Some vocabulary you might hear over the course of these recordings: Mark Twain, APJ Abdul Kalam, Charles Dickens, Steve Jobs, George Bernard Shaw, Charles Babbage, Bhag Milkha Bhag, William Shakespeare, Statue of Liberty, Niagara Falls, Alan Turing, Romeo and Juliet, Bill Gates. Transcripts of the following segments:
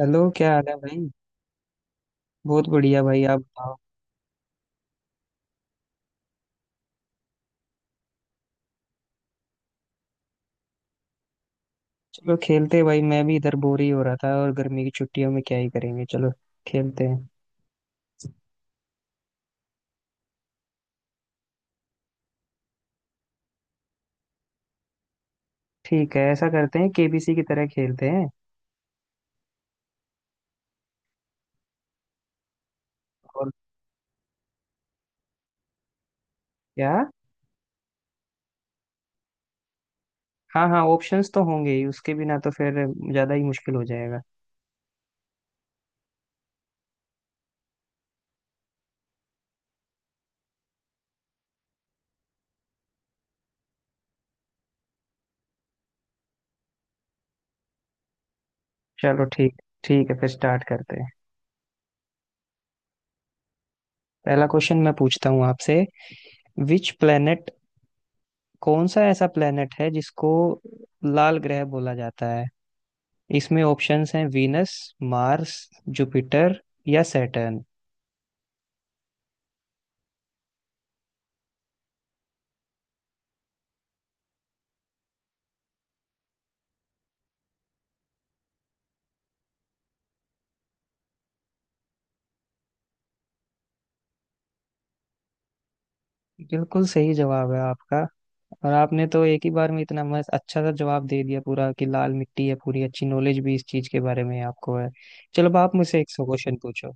Hello, क्या हाल है भाई। बहुत बढ़िया भाई, आप बताओ। चलो खेलते हैं भाई, मैं भी इधर बोर ही हो रहा था और गर्मी की छुट्टियों में क्या ही करेंगे। चलो खेलते हैं। ठीक है, ऐसा करते हैं, केबीसी की तरह खेलते हैं। और क्या। हाँ हाँ, ऑप्शंस तो होंगे ही, उसके बिना तो फिर ज्यादा ही मुश्किल हो जाएगा। चलो ठीक ठीक है, फिर स्टार्ट करते हैं। पहला क्वेश्चन मैं पूछता हूँ आपसे। विच प्लेनेट, कौन सा ऐसा प्लेनेट है जिसको लाल ग्रह बोला जाता है। इसमें ऑप्शंस हैं वीनस, मार्स, जुपिटर या सैटर्न। बिल्कुल सही जवाब है आपका। और आपने तो एक ही बार में इतना मस्त अच्छा सा जवाब दे दिया पूरा कि लाल मिट्टी है, पूरी अच्छी नॉलेज भी इस चीज के बारे में आपको है। चलो, अब आप मुझसे 100 क्वेश्चन पूछो।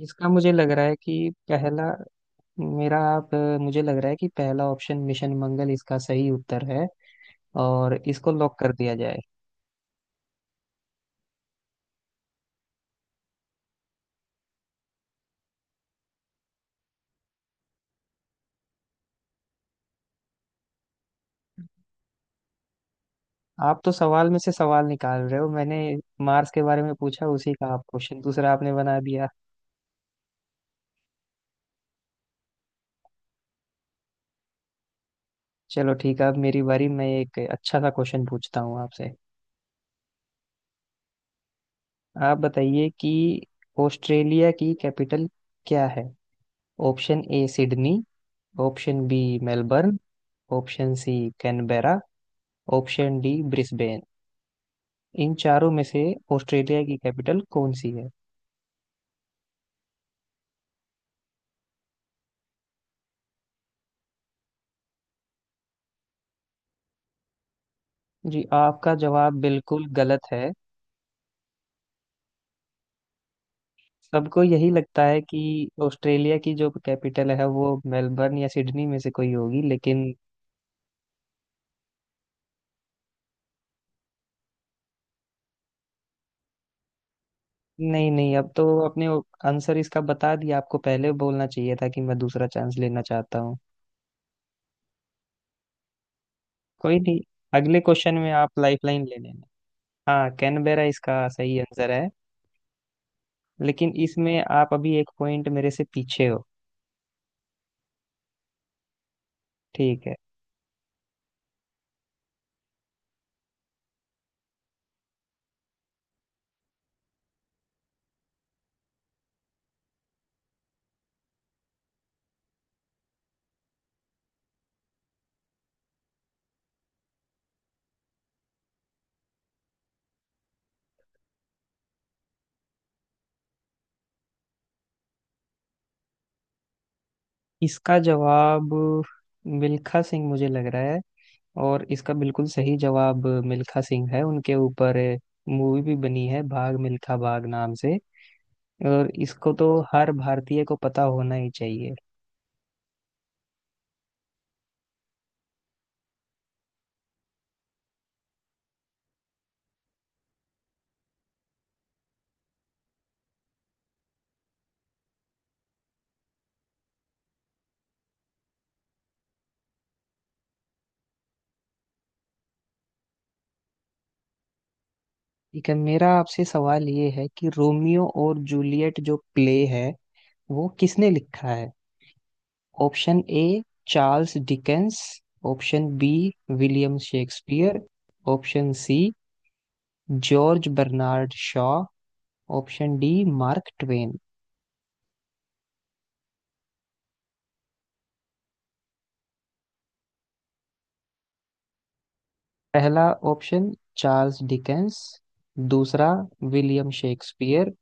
इसका मुझे लग रहा है कि पहला, मेरा आप मुझे लग रहा है कि पहला ऑप्शन मिशन मंगल इसका सही उत्तर है और इसको लॉक कर दिया जाए। आप तो सवाल में से सवाल निकाल रहे हो, मैंने मार्स के बारे में पूछा उसी का आप क्वेश्चन दूसरा आपने बना दिया। चलो ठीक है, अब मेरी बारी, मैं एक अच्छा सा क्वेश्चन पूछता हूँ आपसे। आप बताइए कि ऑस्ट्रेलिया की कैपिटल क्या है। Option A Sydney, option B Melbourne, option C Canberra, option D Brisbane. इन चारों में से ऑस्ट्रेलिया की कैपिटल कौन सी है। जी, आपका जवाब बिल्कुल गलत है। सबको यही लगता है कि ऑस्ट्रेलिया की जो कैपिटल है वो मेलबर्न या सिडनी में से कोई होगी, लेकिन नहीं नहीं, अब तो अपने आंसर इसका बता दिया आपको, पहले बोलना चाहिए था कि मैं दूसरा चांस लेना चाहता हूँ। कोई नहीं, अगले क्वेश्चन में आप लाइफलाइन ले लेना। हाँ, कैनबेरा इसका सही आंसर है। लेकिन इसमें आप अभी एक पॉइंट मेरे से पीछे हो। ठीक है। इसका जवाब मिल्खा सिंह मुझे लग रहा है, और इसका बिल्कुल सही जवाब मिल्खा सिंह है। उनके ऊपर मूवी भी बनी है भाग मिल्खा भाग नाम से, और इसको तो हर भारतीय को पता होना ही चाहिए। ठीक है, मेरा आपसे सवाल ये है कि रोमियो और जूलियट जो प्ले है वो किसने लिखा है। Option A Charles Dickens, option B William Shakespeare, option C George Bernard Shaw, option D Mark Twain. पहला ऑप्शन चार्ल्स डिकेंस, दूसरा विलियम शेक्सपियर,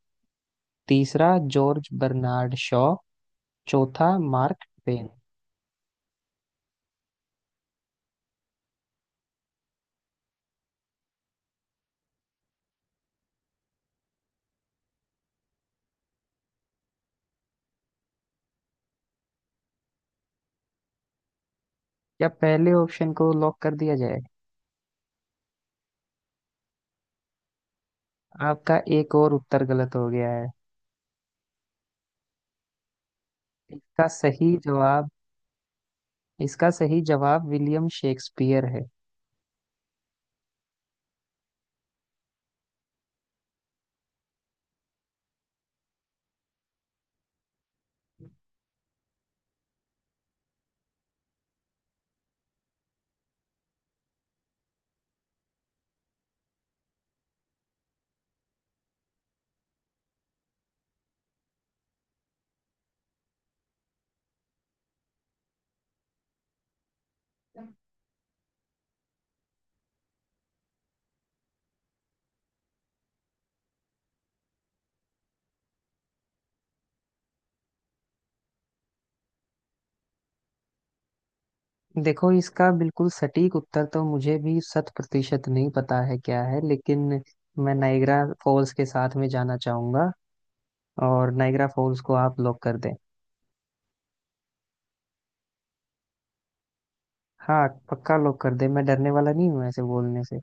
तीसरा जॉर्ज बर्नार्ड शॉ, चौथा मार्क ट्वेन। क्या पहले ऑप्शन को लॉक कर दिया जाए। आपका एक और उत्तर गलत हो गया है। इसका सही जवाब इसका सही जवाब विलियम शेक्सपियर है। देखो, इसका बिल्कुल सटीक उत्तर तो मुझे भी 100% नहीं पता है क्या है, लेकिन मैं नाइग्रा फॉल्स के साथ में जाना चाहूंगा और नाइग्रा फॉल्स को आप लॉक कर दें। हाँ पक्का, लॉक कर दें, मैं डरने वाला नहीं हूँ ऐसे बोलने से।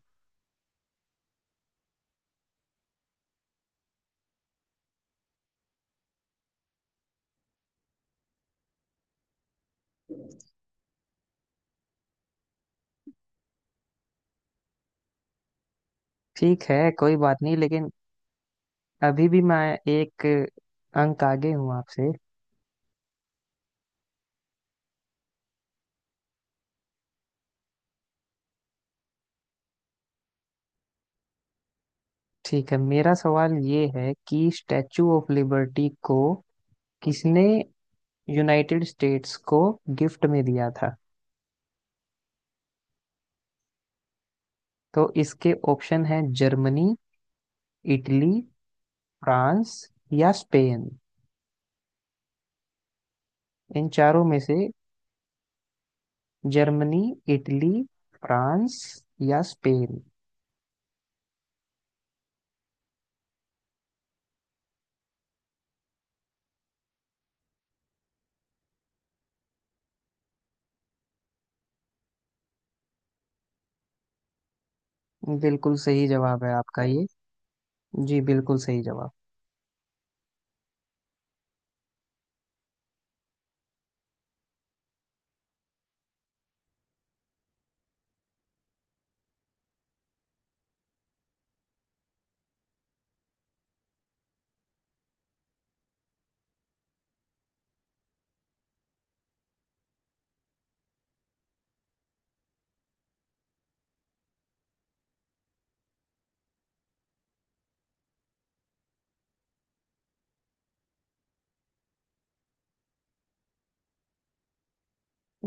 ठीक है, कोई बात नहीं, लेकिन अभी भी मैं एक अंक आगे हूँ आपसे। ठीक है, मेरा सवाल ये है कि स्टैचू ऑफ लिबर्टी को किसने यूनाइटेड स्टेट्स को गिफ्ट में दिया था। तो इसके ऑप्शन है जर्मनी, इटली, फ्रांस या स्पेन। इन चारों में से जर्मनी, इटली, फ्रांस या स्पेन। बिल्कुल सही जवाब है आपका ये। जी बिल्कुल सही जवाब।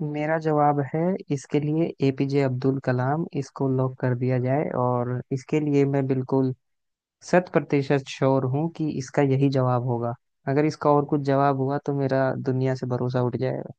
मेरा जवाब है इसके लिए एपीजे अब्दुल कलाम, इसको लॉक कर दिया जाए, और इसके लिए मैं बिल्कुल 100% श्योर हूँ कि इसका यही जवाब होगा। अगर इसका और कुछ जवाब हुआ तो मेरा दुनिया से भरोसा उठ जाएगा।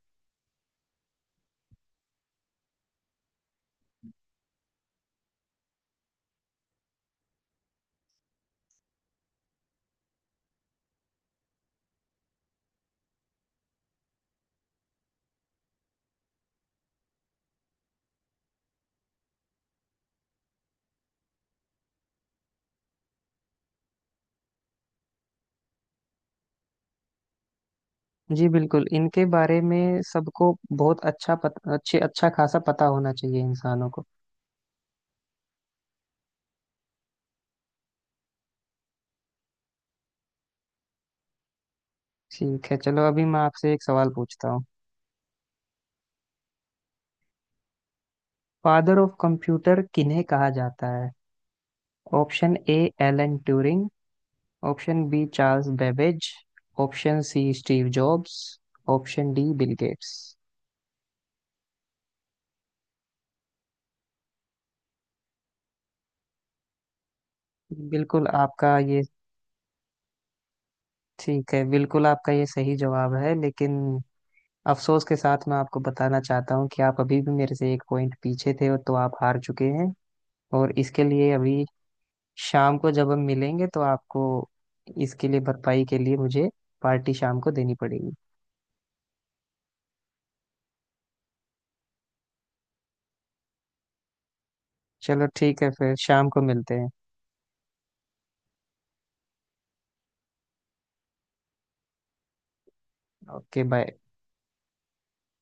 जी बिल्कुल, इनके बारे में सबको बहुत अच्छा पत, अच्छे अच्छा खासा पता होना चाहिए इंसानों को। ठीक है चलो, अभी मैं आपसे एक सवाल पूछता हूँ। फादर ऑफ कंप्यूटर किन्हें कहा जाता है। Option A Alan Turing, option B Charles Babbage, option C Steve Jobs, option D Bill Gates. बिल्कुल आपका ये ठीक है, बिल्कुल आपका ये सही जवाब है, लेकिन अफसोस के साथ मैं आपको बताना चाहता हूँ कि आप अभी भी मेरे से एक पॉइंट पीछे थे और तो आप हार चुके हैं, और इसके लिए अभी शाम को जब हम मिलेंगे तो आपको इसके लिए भरपाई के लिए मुझे पार्टी शाम को देनी पड़ेगी। चलो ठीक है, फिर शाम को मिलते हैं। Okay bye.